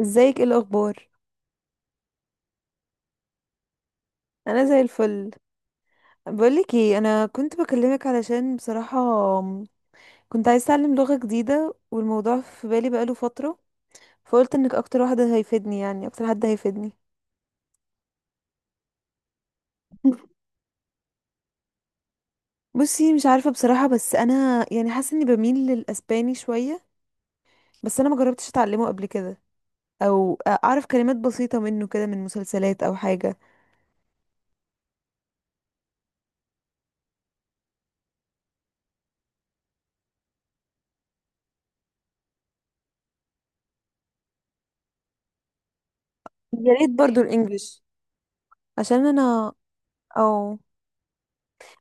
ازيك؟ ايه الاخبار؟ انا زي الفل. بقولك ايه، انا كنت بكلمك علشان بصراحة كنت عايزة اتعلم لغة جديدة، والموضوع في بالي بقاله فترة، فقلت انك اكتر واحدة هيفيدني، يعني اكتر حد هيفيدني. بصي، مش عارفة بصراحة، بس انا يعني حاسة اني بميل للاسباني شوية، بس انا ما جربتش اتعلمه قبل كده، او اعرف كلمات بسيطة منه كده من مسلسلات او حاجة. يا ريت برضو الانجليش، عشان انا. او.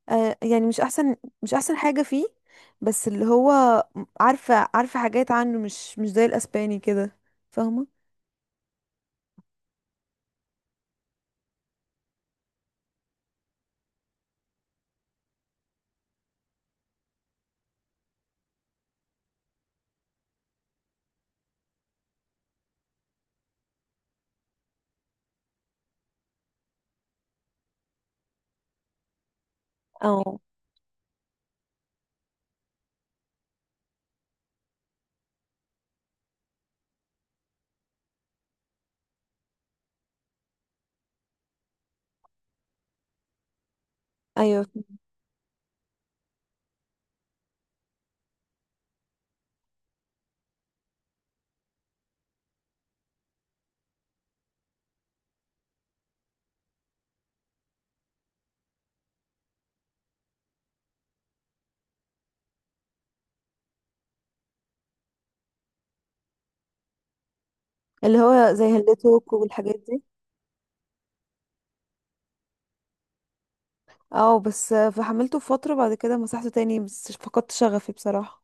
يعني مش احسن، مش احسن حاجة فيه. بس اللي هو عارفة عارفة حاجات عنه، مش زي الاسباني كده، فاهمة؟ اه. ايوه، اللي هو زي هلتوك والحاجات دي. اه، بس فحملته فترة، بعد كده مسحته تاني، بس فقدت شغفي بصراحة.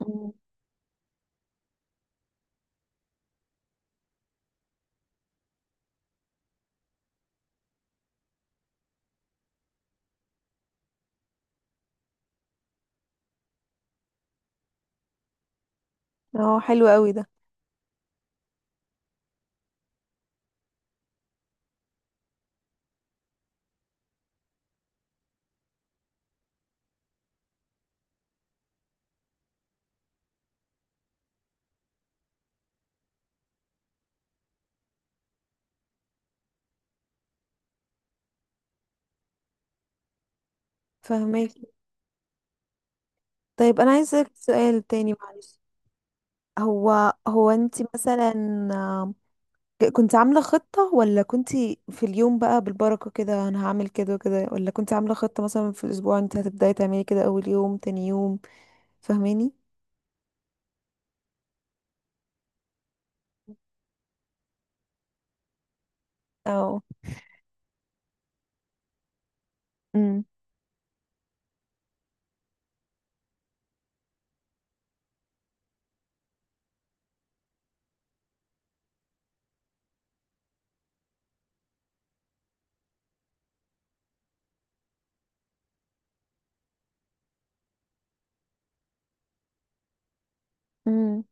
مم. اه، حلو قوي ده. فهماكي. طيب انا عايزة اسألك سؤال تاني، معلش. هو هو انت مثلا كنت عاملة خطة، ولا كنت في اليوم بقى بالبركة كده انا هعمل كده وكده؟ ولا كنت عاملة خطة مثلا في الاسبوع انت هتبدأي تعملي كده اول يوم تاني يوم؟ فاهماني؟ او. امم. امم.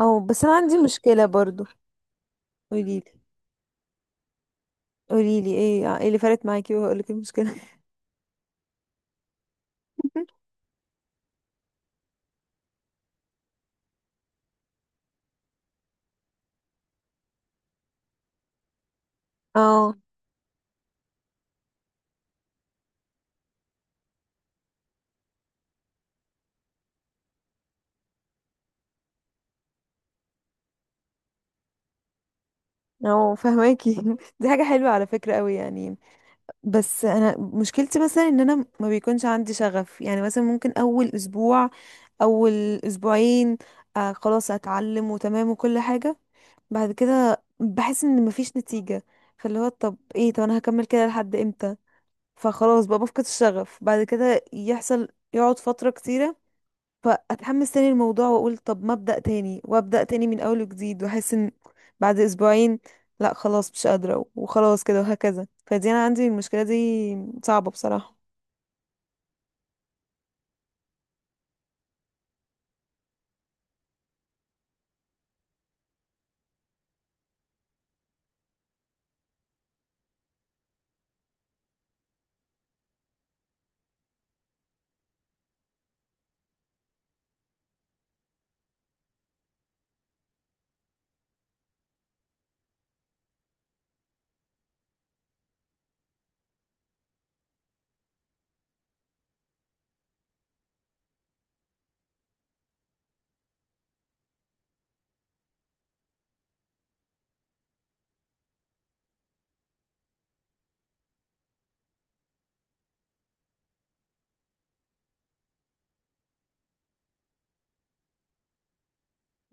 او. بس انا عندي مشكلة برضو. قوليلي. قوليلي ايه اللي فرقت معاكي، وهقولك المشكلة. اه. اه، فهماكي. دي حاجة حلوة على فكرة قوي يعني. بس انا مشكلتي مثلا ان انا ما بيكونش عندي شغف. يعني مثلا ممكن اول اسبوع، اول اسبوعين، آه خلاص اتعلم وتمام وكل حاجة. بعد كده بحس ان مفيش نتيجة، فاللي هو طب ايه، طب انا هكمل كده لحد امتى؟ فخلاص بقى بفقد الشغف بعد كده، يحصل يقعد فترة كتيرة، فاتحمس تاني الموضوع واقول طب ما ابدا تاني، وابدا تاني من اول وجديد، واحس ان بعد اسبوعين لا خلاص مش قادره وخلاص كده، وهكذا. فدي انا عندي المشكله دي، صعبه بصراحه.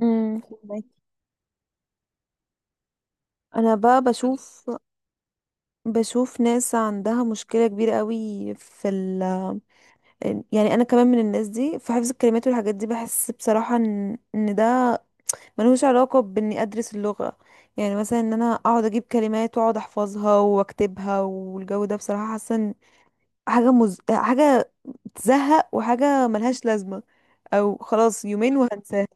امم. انا بقى بشوف بشوف ناس عندها مشكله كبيره قوي يعني انا كمان من الناس دي، في حفظ الكلمات والحاجات دي، بحس بصراحه ان ده ملوش علاقه باني ادرس اللغه. يعني مثلا ان انا اقعد اجيب كلمات واقعد احفظها واكتبها والجو ده، بصراحه حاسه حاجة تزهق، وحاجة ملهاش لازمة، او خلاص يومين وهنساها.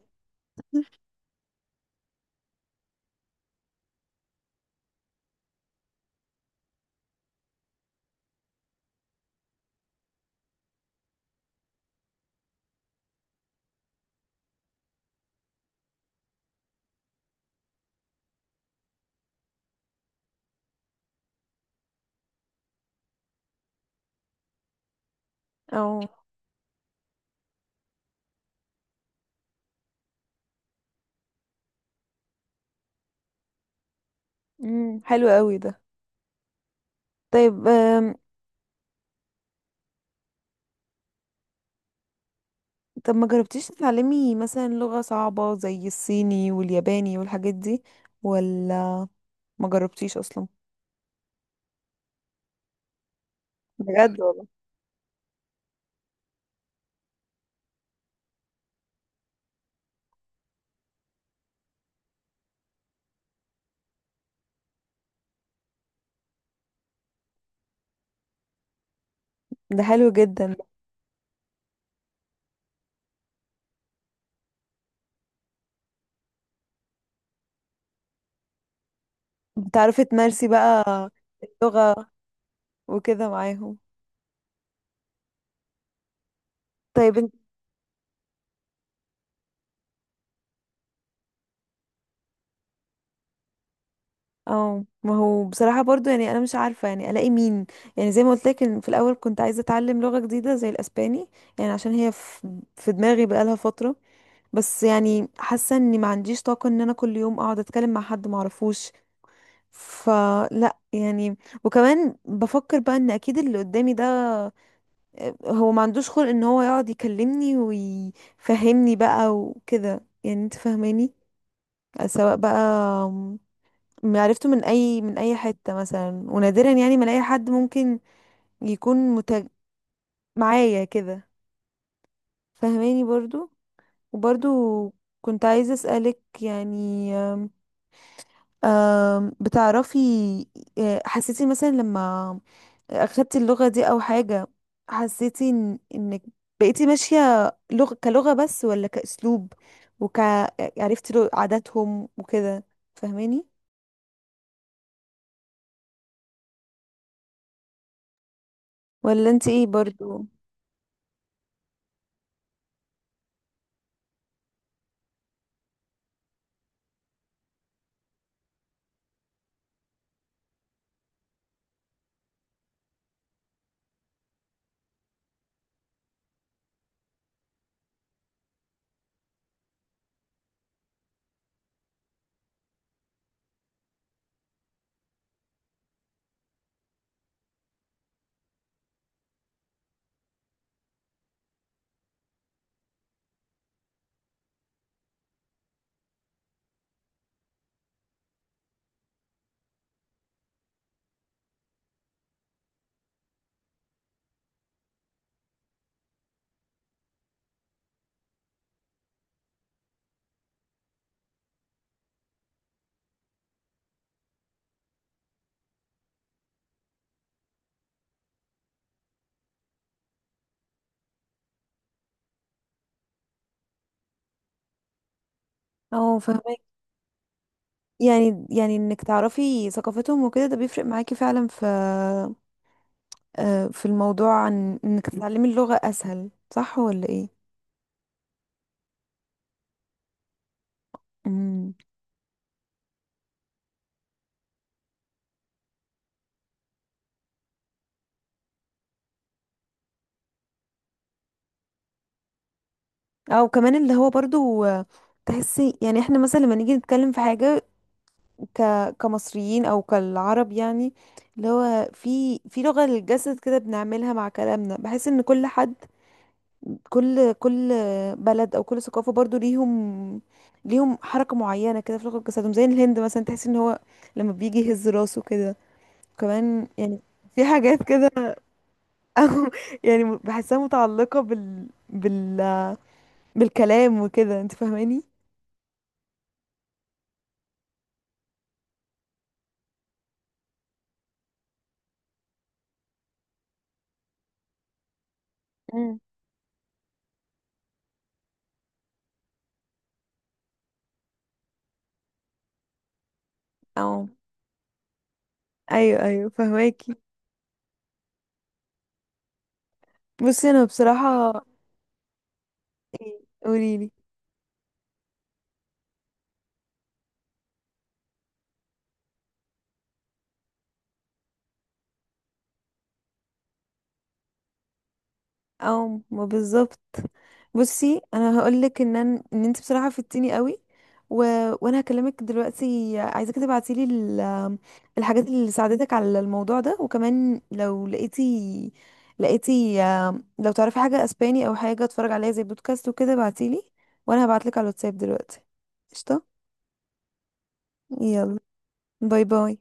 او. امم، حلو قوي ده. طيب طب ما جربتيش تتعلمي مثلا لغة صعبة زي الصيني والياباني والحاجات دي؟ ولا ما جربتيش اصلا؟ بجد والله؟ ده حلو جدا. بتعرفي تمارسي بقى اللغة وكده معاهم؟ طيب. اه، ما هو بصراحة برضو يعني انا مش عارفة يعني الاقي مين. يعني زي ما قلت لك إن في الاول كنت عايزة اتعلم لغة جديدة زي الاسباني، يعني عشان هي في في دماغي بقالها فترة. بس يعني حاسة اني ما عنديش طاقة ان انا كل يوم اقعد اتكلم مع حد ما اعرفوش، فلا يعني. وكمان بفكر بقى ان اكيد اللي قدامي ده هو ما عندوش خلق ان هو يقعد يكلمني ويفهمني بقى وكده، يعني انت فاهماني. سواء بقى عرفته من اي حتة مثلا، ونادرا يعني ما الاقي حد ممكن يكون متج... معايا كده، فهماني برضو. وبرضو كنت عايزة اسألك، يعني بتعرفي، حسيتي مثلا لما اخدتي اللغة دي او حاجة، حسيتي إن... انك بقيتي ماشية لغة كلغة بس، ولا كأسلوب، وك عرفتي عاداتهم وكده، فهماني؟ ولا انت ايه برضو؟ اه فهماني. يعني انك تعرفي ثقافتهم وكده، ده بيفرق معاكي فعلا في في الموضوع عن انك تتعلمي اللغة اسهل، صح ولا ايه؟ امم. او كمان اللي هو برضو، تحسي يعني احنا مثلا لما نيجي نتكلم في حاجة ك كمصريين او كالعرب يعني، اللي هو في في لغة للجسد كده بنعملها مع كلامنا، بحس ان كل حد، كل كل بلد او كل ثقافه برضو ليهم حركه معينه كده في لغه جسدهم. زي الهند مثلا تحس ان هو لما بيجي يهز راسه كده كمان يعني. في حاجات كده. او، يعني بحسها متعلقه بالكلام وكده، انت فاهماني؟ مم. او. ايوه، ايوه، فهماكي. بصي انا بصراحه، إيه، قوليلي. او، ما بالظبط. بصي انا هقولك ان انت بصراحه فدتيني قوي، و... وانا هكلمك دلوقتي، عايزاك تبعتيلي الحاجات اللي ساعدتك على الموضوع ده، وكمان لو لقيتي، لقيتي آم، لو تعرفي حاجه اسباني او حاجه اتفرج عليها زي بودكاست وكده ابعتيلي، وانا هبعتلك على الواتساب دلوقتي. قشطه. يلا، باي باي.